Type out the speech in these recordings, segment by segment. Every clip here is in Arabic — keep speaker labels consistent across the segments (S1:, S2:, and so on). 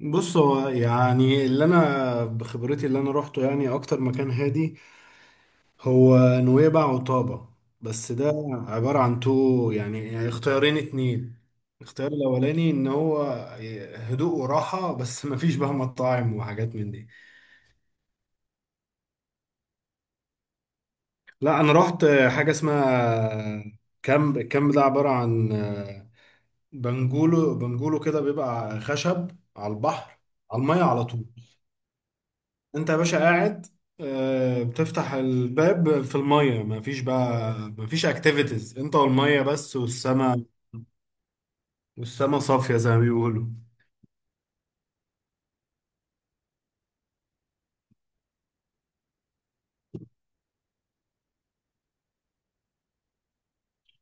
S1: بص هو يعني اللي انا بخبرتي اللي انا روحته يعني اكتر مكان هادي هو نويبع وطابة. بس ده عبارة عن تو يعني اختيارين اتنين. الاختيار الاولاني ان هو هدوء وراحة بس مفيش بقى مطاعم وحاجات من دي. لا انا روحت حاجة اسمها كامب. الكامب ده عبارة عن بنجولو كده، بيبقى خشب على البحر، على المية على طول. انت يا باشا قاعد، بتفتح الباب في المية. مفيش بقى، مفيش اكتيفيتيز، انت والمية بس والسما. والسما صافية زي ما بيقولوا.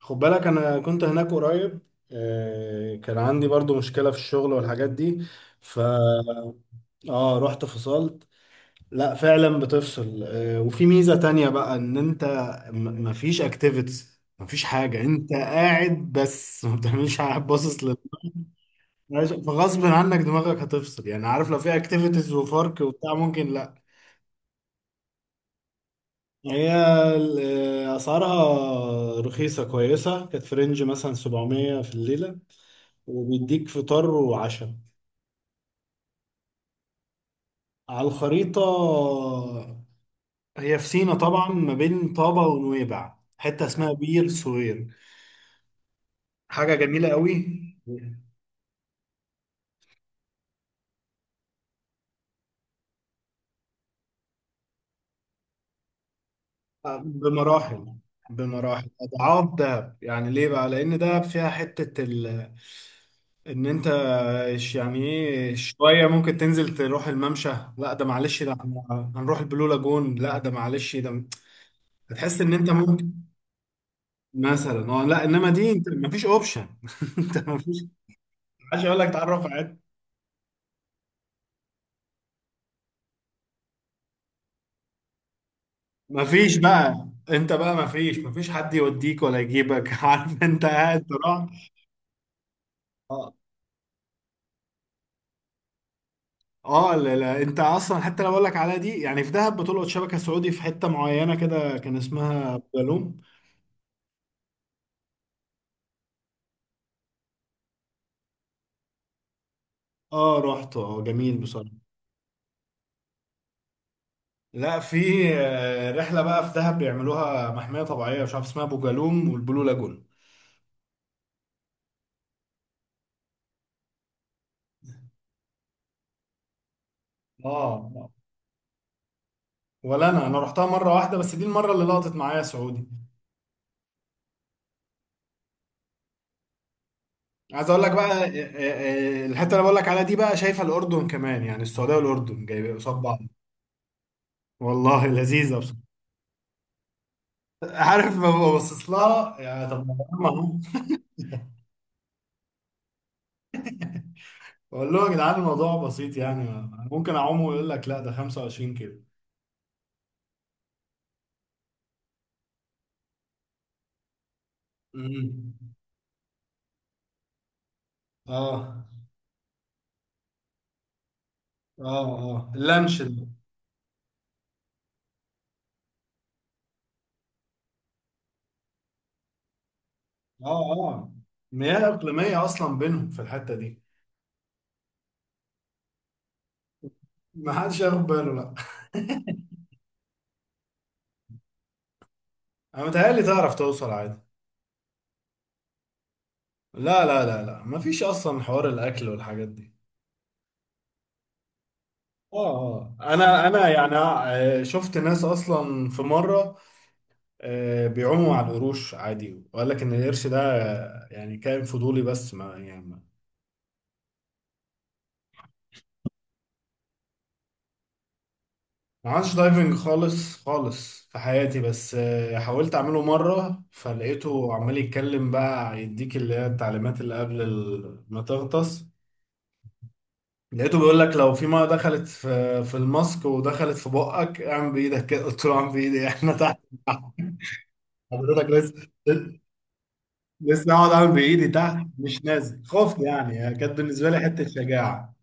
S1: خد بالك انا كنت هناك قريب، كان عندي برضو مشكلة في الشغل والحاجات دي. ف اه، رحت فصلت. لا فعلا بتفصل، وفي ميزة تانية بقى ان انت مفيش اكتيفيتيز، مفيش حاجة، انت قاعد بس ما بتعملش حاجة، باصص. ماشي، فغصب عنك دماغك هتفصل يعني. عارف لو في اكتيفيتيز وفرق وبتاع ممكن لا. يعني هي ال- اسعارها رخيصه كويسه، كانت في رينج مثلا 700 في الليله، وبيديك فطار وعشاء. على الخريطه، هي في سينا طبعا، ما بين طابا ونويبع، حته اسمها بير سوير. حاجه جميله قوي. بمراحل، بمراحل اضعاف دهب. يعني ليه بقى؟ لان دهب فيها حته ال... ان انت إيش يعني ايه؟ شوية ممكن تنزل تروح الممشى. لا ده معلش، ده هنروح البلو لاجون. لا ده معلش، ده هتحس ان انت ممكن مثلا. اه لا، انما دي انت مفيش اوبشن انت مفيش. عشان اقول لك تعرف على حد. مفيش بقى، انت بقى مفيش حد يوديك ولا يجيبك عارف انت قاعد تروح. اه. لا لا، انت اصلا حتى لو اقول لك على دي. يعني في دهب بتلقط شبكة سعودي في حتة معينة كده، كان اسمها بلوم. اه رحت، اه، جميل بصراحة. لا، في رحله بقى في دهب بيعملوها، محميه طبيعيه مش عارف اسمها، ابو جالوم والبلو لاجون. اه. ولا انا رحتها مره واحده بس، دي المره اللي لقطت معايا سعودي. عايز اقول لك بقى، الحته اللي بقول لك عليها دي بقى، شايفه الاردن كمان. يعني السعوديه والاردن جايبين قصاد بعض. والله لذيذه بصراحه. عارف ما ببصص لها. يعني طب ما أنا أعوم. بقول لهم يا جدعان الموضوع بسيط، يعني ممكن اعوم، ويقول لك لا ده 25 كيلو. امم، اه اه اه، اللانش ده. اه اه. مياه اقليميه اصلا بينهم في الحته دي. ما حدش ياخد باله لا. انا متهيألي تعرف توصل عادي. لا ما فيش اصلا حوار الاكل والحاجات دي. اه اه، انا يعني، شفت ناس اصلا في مره، بيعوموا على القروش عادي، وقال لك ان القرش ده، يعني كائن فضولي بس، ما يعني. ما عملتش دايفنج خالص في حياتي، بس حاولت اعمله مره، فلقيته عمال يتكلم بقى، يديك اللي هي التعليمات اللي قبل ما تغطس. لقيته بيقول لك لو في ميه دخلت في الماسك ودخلت في بقك اعمل بايدك كده. قلت له اعمل بايدي إيه؟ احنا تحت، حضرتك لسه. لسه اقعد اعمل بايدي تحت، مش نازل، خفت يعني. يعني كانت بالنسبه لي حته شجاعه.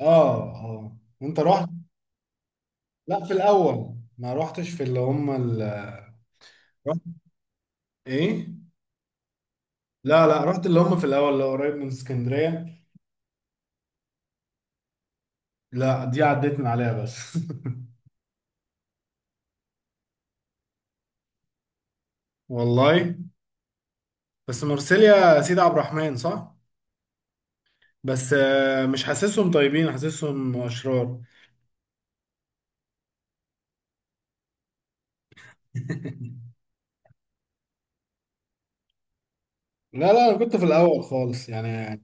S1: اه اه. انت رحت؟ لا في الاول ما رحتش، في اللي هم ال... رحت ايه؟ لا لا، رحت اللي هم في الاول، اللي قريب من اسكندريه. لا دي عديت من عليها بس والله، بس مرسيليا سيدي عبد الرحمن صح. بس مش حاسسهم طيبين، حاسسهم اشرار. لا لا، انا كنت في الاول خالص يعني.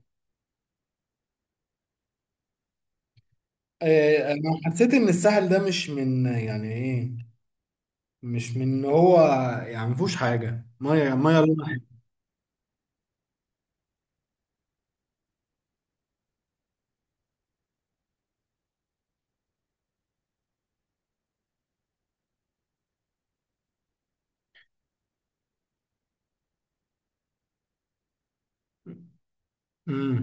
S1: انا حسيت ان الساحل ده مش من، يعني ايه، مش من إن هو، يعني ما فيهوش حاجه، ميه ميه لونها حلو. امم.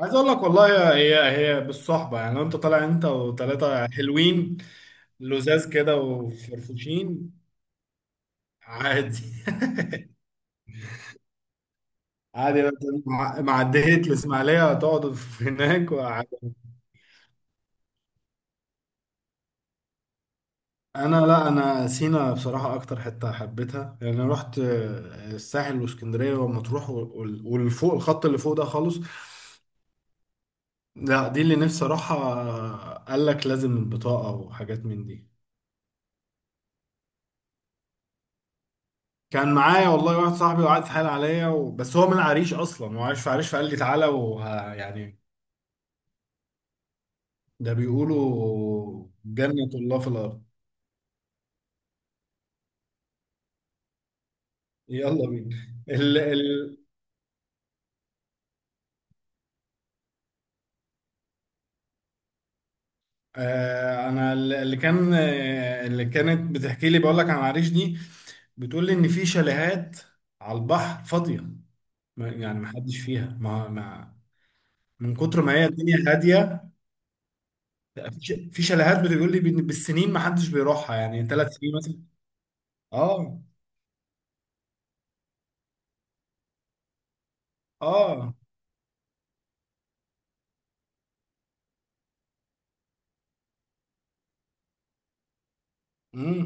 S1: عايز اقول لك والله، هي هي بالصحبه. يعني لو انت طالع انت وثلاثه حلوين، لزاز كده وفرفوشين، عادي عادي بقى، مع عديت الإسماعيلية هتقعد في هناك وعادي. أنا لا، أنا سينا بصراحة أكتر حتة حبيتها. يعني أنا رحت الساحل واسكندرية ومطروح والفوق، الخط اللي فوق ده خالص. لا دي اللي نفسي أروحها. قال لك لازم البطاقة وحاجات من دي. كان معايا والله واحد صاحبي، وقعد يتحايل عليا و... بس هو من العريش أصلا، وعايش في عريش، فقال لي تعالى وه... يعني. ده بيقولوا جنة الله في الأرض. يلا بينا. ال ال آه انا اللي كان، آه، اللي كانت بتحكي لي، بقول لك عن العريش دي، بتقول لي ان في شاليهات على البحر فاضيه، يعني ما حدش فيها، ما ما من كتر ما هي الدنيا هاديه. في في شاليهات بتقول لي بالسنين ما حدش بيروحها، يعني 3 سنين مثلا. اه اه. امم.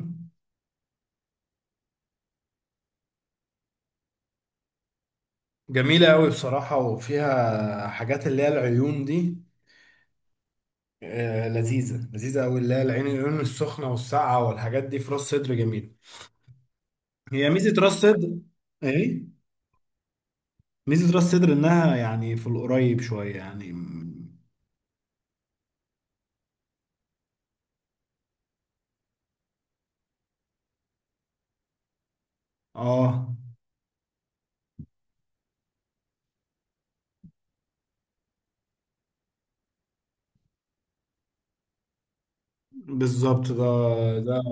S1: جميله قوي بصراحه، وفيها حاجات اللي هي العيون دي، لذيذة، لذيذة أوي، اللي هي العين، العيون السخنة والساقعة والحاجات دي في راس صدر جميل. هي ميزة راس صدر إيه؟ ميزة راس صدر إنها يعني في القريب شوية، يعني آه. بالظبط ده، ده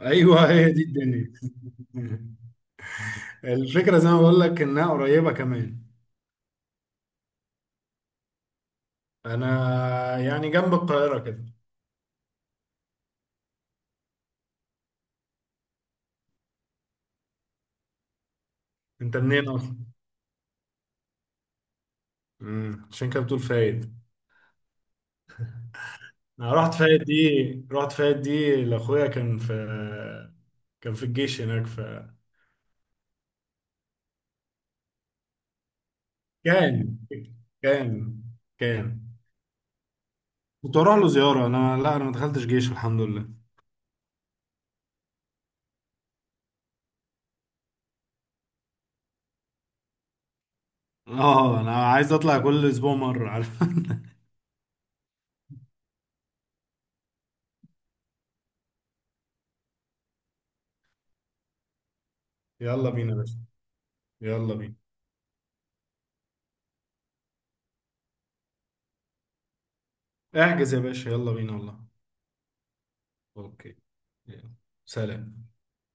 S1: أيوه، هي دي الدنيا. الفكرة زي ما بقول لك إنها قريبة كمان. أنا يعني جنب القاهرة كده. أنت منين أصلا؟ مم، عشان كده بتقول فايد. انا رحت فايت دي، رحت فايت دي لاخويا، كان في، كان في الجيش هناك. كان كان كان كنت اروح له زياره. انا لا، انا ما دخلتش جيش الحمد لله. اه انا عايز اطلع كل اسبوع مره، عارف. يلا بينا يا باشا. يلا بينا. احجز يا باشا، يلا بينا والله. اوكي. يلا. سلام.